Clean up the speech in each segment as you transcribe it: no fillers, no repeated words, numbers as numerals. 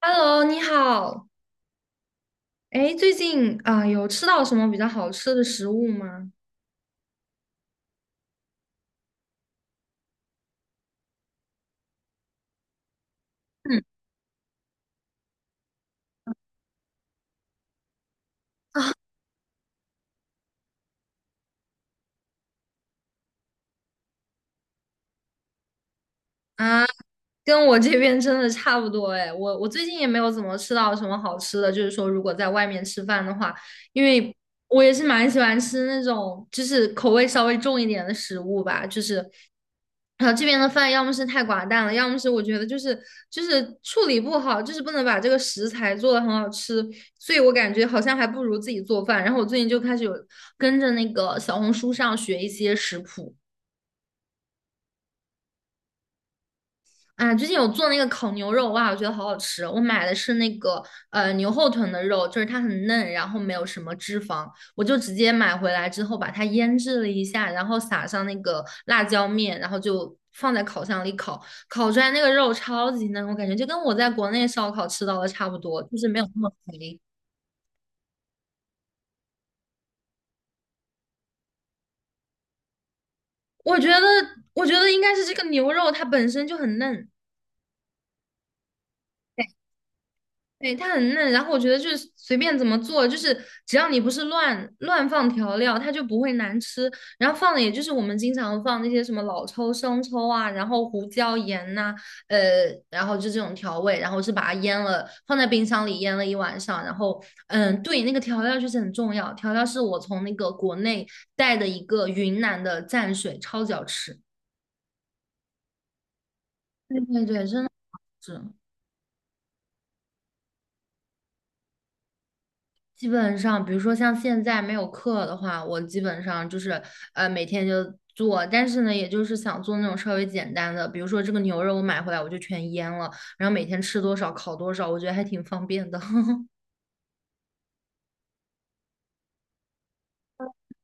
Hello，你好。哎，最近啊，有吃到什么比较好吃的食物吗？啊，跟我这边真的差不多哎，我最近也没有怎么吃到什么好吃的，就是说如果在外面吃饭的话，因为我也是蛮喜欢吃那种就是口味稍微重一点的食物吧，就是，然后这边的饭要么是太寡淡了，要么是我觉得就是处理不好，就是不能把这个食材做的很好吃，所以我感觉好像还不如自己做饭。然后我最近就开始有跟着那个小红书上学一些食谱。啊，最近有做那个烤牛肉，哇，我觉得好好吃哦。我买的是那个牛后臀的肉，就是它很嫩，然后没有什么脂肪，我就直接买回来之后把它腌制了一下，然后撒上那个辣椒面，然后就放在烤箱里烤，烤出来那个肉超级嫩，我感觉就跟我在国内烧烤吃到的差不多，就是没有那么肥。我觉得，我觉得应该是这个牛肉它本身就很嫩。对，它很嫩，然后我觉得就是随便怎么做，就是只要你不是乱放调料，它就不会难吃。然后放的也就是我们经常放那些什么老抽、生抽啊，然后胡椒、盐呐、呃，然后就这种调味，然后是把它腌了，放在冰箱里腌了一晚上。然后，对，那个调料就是很重要，调料是我从那个国内带的一个云南的蘸水，超级好吃。对对对，真的是。基本上，比如说像现在没有课的话，我基本上就是每天就做，但是呢，也就是想做那种稍微简单的，比如说这个牛肉我买回来我就全腌了，然后每天吃多少烤多少，我觉得还挺方便的。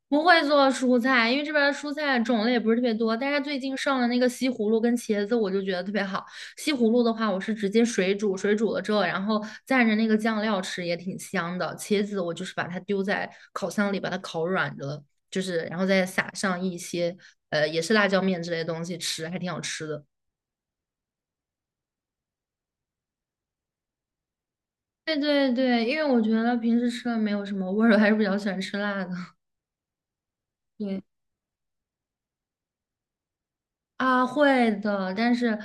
不会做蔬菜，因为这边儿蔬菜种类不是特别多。但是最近上了那个西葫芦跟茄子，我就觉得特别好。西葫芦的话，我是直接水煮，水煮了之后，然后蘸着那个酱料吃，也挺香的。茄子我就是把它丢在烤箱里，把它烤软了，就是然后再撒上一些也是辣椒面之类的东西吃，还挺好吃的。对对对，因为我觉得平时吃的没有什么味儿，我还是比较喜欢吃辣的。对。啊，会的，但是，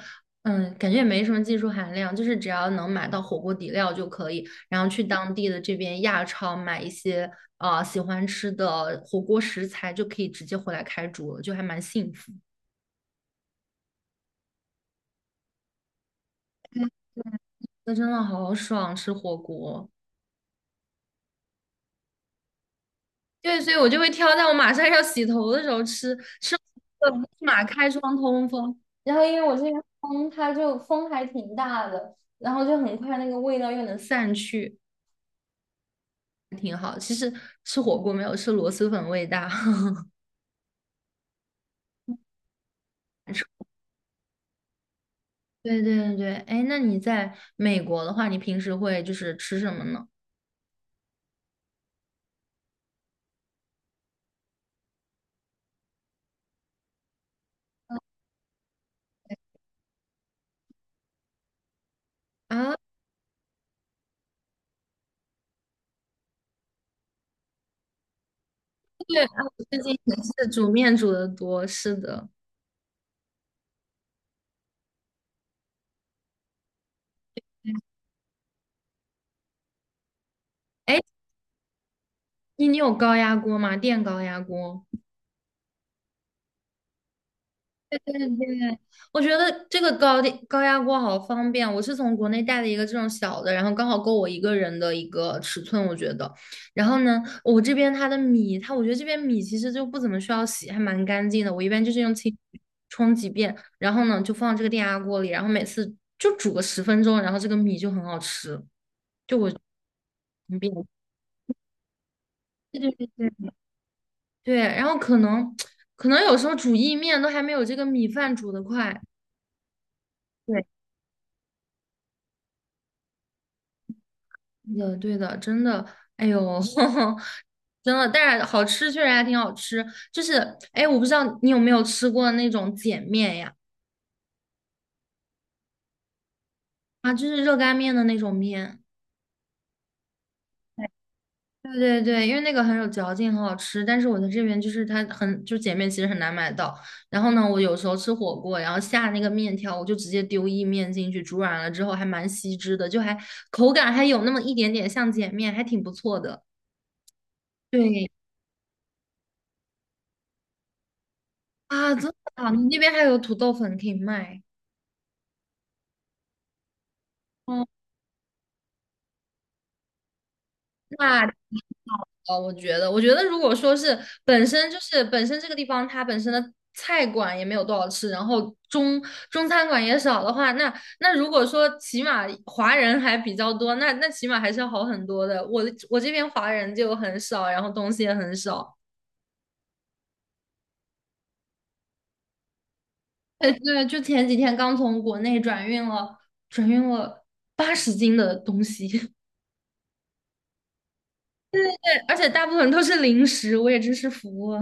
嗯，感觉也没什么技术含量，就是只要能买到火锅底料就可以，然后去当地的这边亚超买一些啊喜欢吃的火锅食材，就可以直接回来开煮了，就还蛮幸福。那真的好爽，吃火锅。对，所以我就会挑在我马上要洗头的时候吃，吃完了立马开窗通风。然后因为我这边风它就风还挺大的，然后就很快那个味道又能散去。挺好。其实吃火锅没有吃螺蛳粉味大。对对对哎，那你在美国的话，你平时会就是吃什么呢？啊，对啊，我最近也是煮面煮的多，是的。哎，你有高压锅吗？电高压锅？对对，我觉得这个高压锅好方便。我是从国内带了一个这种小的，然后刚好够我一个人的一个尺寸，我觉得。然后呢，我这边它的米，它我觉得这边米其实就不怎么需要洗，还蛮干净的。我一般就是用清水冲几遍，然后呢就放这个电压锅里，然后每次就煮个10分钟，然后这个米就很好吃，很便宜。对对对对对，然后可能可能有时候煮意面都还没有这个米饭煮得快。对。对的，对的，真的，哎呦，真的，但是好吃确实还挺好吃。就是，哎，我不知道你有没有吃过那种碱面呀？啊，就是热干面的那种面。对对对，因为那个很有嚼劲，很好吃。但是我在这边就是它很，就碱面其实很难买到。然后呢，我有时候吃火锅，然后下那个面条，我就直接丢意面进去，煮软了之后还蛮吸汁的，就还口感还有那么一点点像碱面，还挺不错的。对啊，真的啊，你那边还有土豆粉可以卖。哦，那我觉得，我觉得如果说是本身这个地方它本身的菜馆也没有多少吃，然后中餐馆也少的话，那如果说起码华人还比较多，那起码还是要好很多的。我这边华人就很少，然后东西也很少。对对，就前几天刚从国内转运了，转运了80斤的东西，而且大部分都是零食，我也真是服了。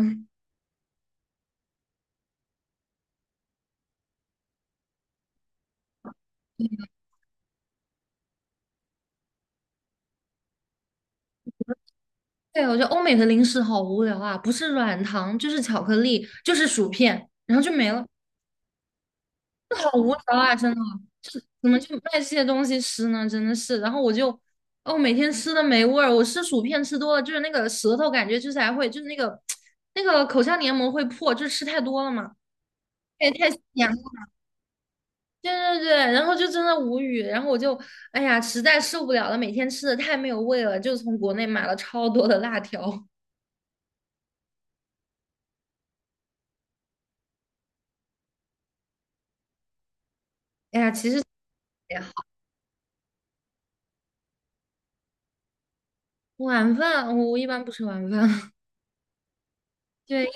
对，我觉得欧美的零食好无聊啊，不是软糖就是巧克力，就是薯片，然后就没了，好无聊啊！真的，怎么就卖这些东西吃呢？真的是，然后我就，哦，每天吃的没味儿，我吃薯片吃多了，就是那个舌头感觉就是还会，就是那个 那个口腔黏膜会破，就是吃太多了嘛，也太咸了，对对对，然后就真的无语，然后我就，哎呀，实在受不了了，每天吃的太没有味了，就从国内买了超多的辣条，哎呀，其实。也。晚饭我一般不吃晚饭，对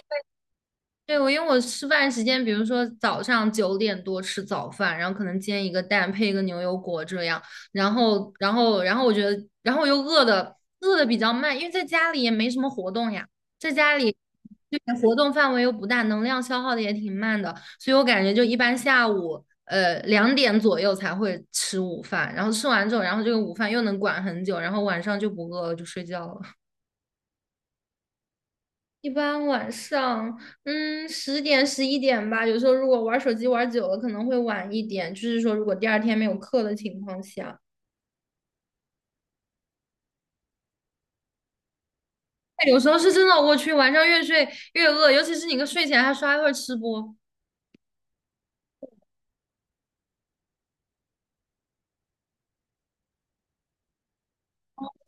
对，我因为我吃饭时间，比如说早上9点多吃早饭，然后可能煎一个蛋配一个牛油果这样，然后我觉得，然后我又饿的比较慢，因为在家里也没什么活动呀，在家里对活动范围又不大，能量消耗的也挺慢的，所以我感觉就一般下午2点左右才会吃午饭，然后吃完之后，然后这个午饭又能管很久，然后晚上就不饿了，就睡觉了。一般晚上，10点11点吧。有时候如果玩手机玩久了，可能会晚一点。就是说，如果第二天没有课的情况下，哎有时候是真的，我去，晚上越睡越饿，尤其是你跟睡前还刷一会儿吃播。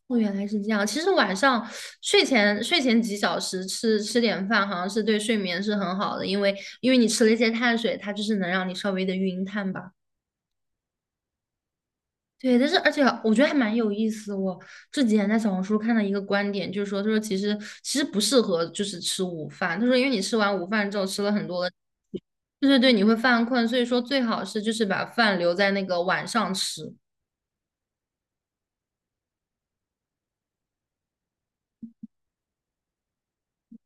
哦，原来是这样。其实晚上睡前几小时吃点饭，好像是对睡眠是很好的，因为你吃了一些碳水，它就是能让你稍微的晕碳吧。对，但是而且我觉得还蛮有意思。我这几天在小红书看到一个观点，就是说，他说其实不适合就是吃午饭。他说，因为你吃完午饭之后吃了很多的，对对对，你会犯困，所以说最好是就是把饭留在那个晚上吃。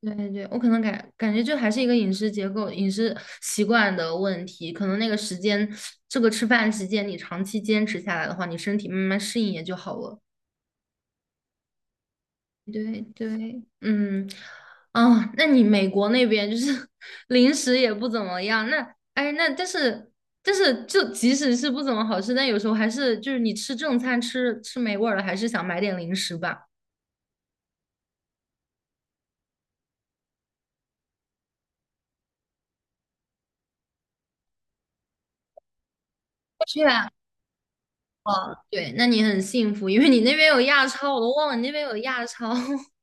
对对对，我可能感觉就还是一个饮食结构、饮食习惯的问题，可能那个时间，这个吃饭时间你长期坚持下来的话，你身体慢慢适应也就好了。对对，嗯，啊，那你美国那边就是 零食也不怎么样，那哎，那但是就即使是不怎么好吃，但有时候还是就是你吃正餐吃没味儿了，还是想买点零食吧。是啊，哦，对，那你很幸福，因为你那边有亚超，我都忘了你那边有亚超。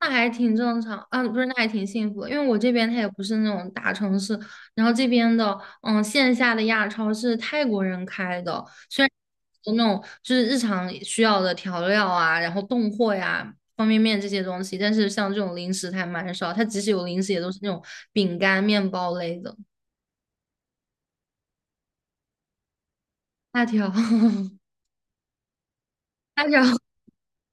那还挺正常，啊，不是，那还挺幸福的，因为我这边它也不是那种大城市，然后这边的，线下的亚超是泰国人开的，虽然有那种就是日常需要的调料啊，然后冻货呀、方便面这些东西，但是像这种零食还蛮少，它即使有零食也都是那种饼干、面包类的，辣条，辣条。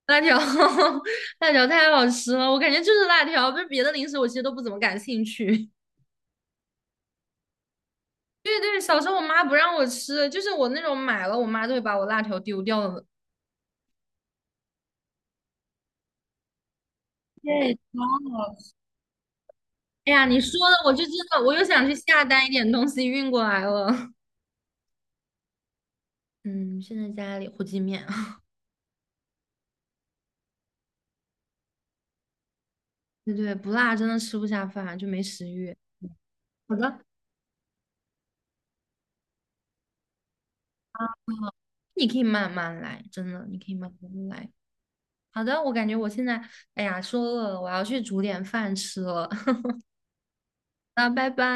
辣条，辣条太好吃了，我感觉就是辣条，不是别的零食，我其实都不怎么感兴趣。对对，小时候我妈不让我吃，就是我那种买了，我妈都会把我辣条丢掉的。对，超好吃。哎呀，你说的我就真的，我又想去下单一点东西运过来了。嗯，现在家里火鸡面，对对，不辣真的吃不下饭，就没食欲。好的，你可以慢慢来，真的，你可以慢慢来。好的，我感觉我现在，哎呀，说饿了，我要去煮点饭吃了。那拜拜。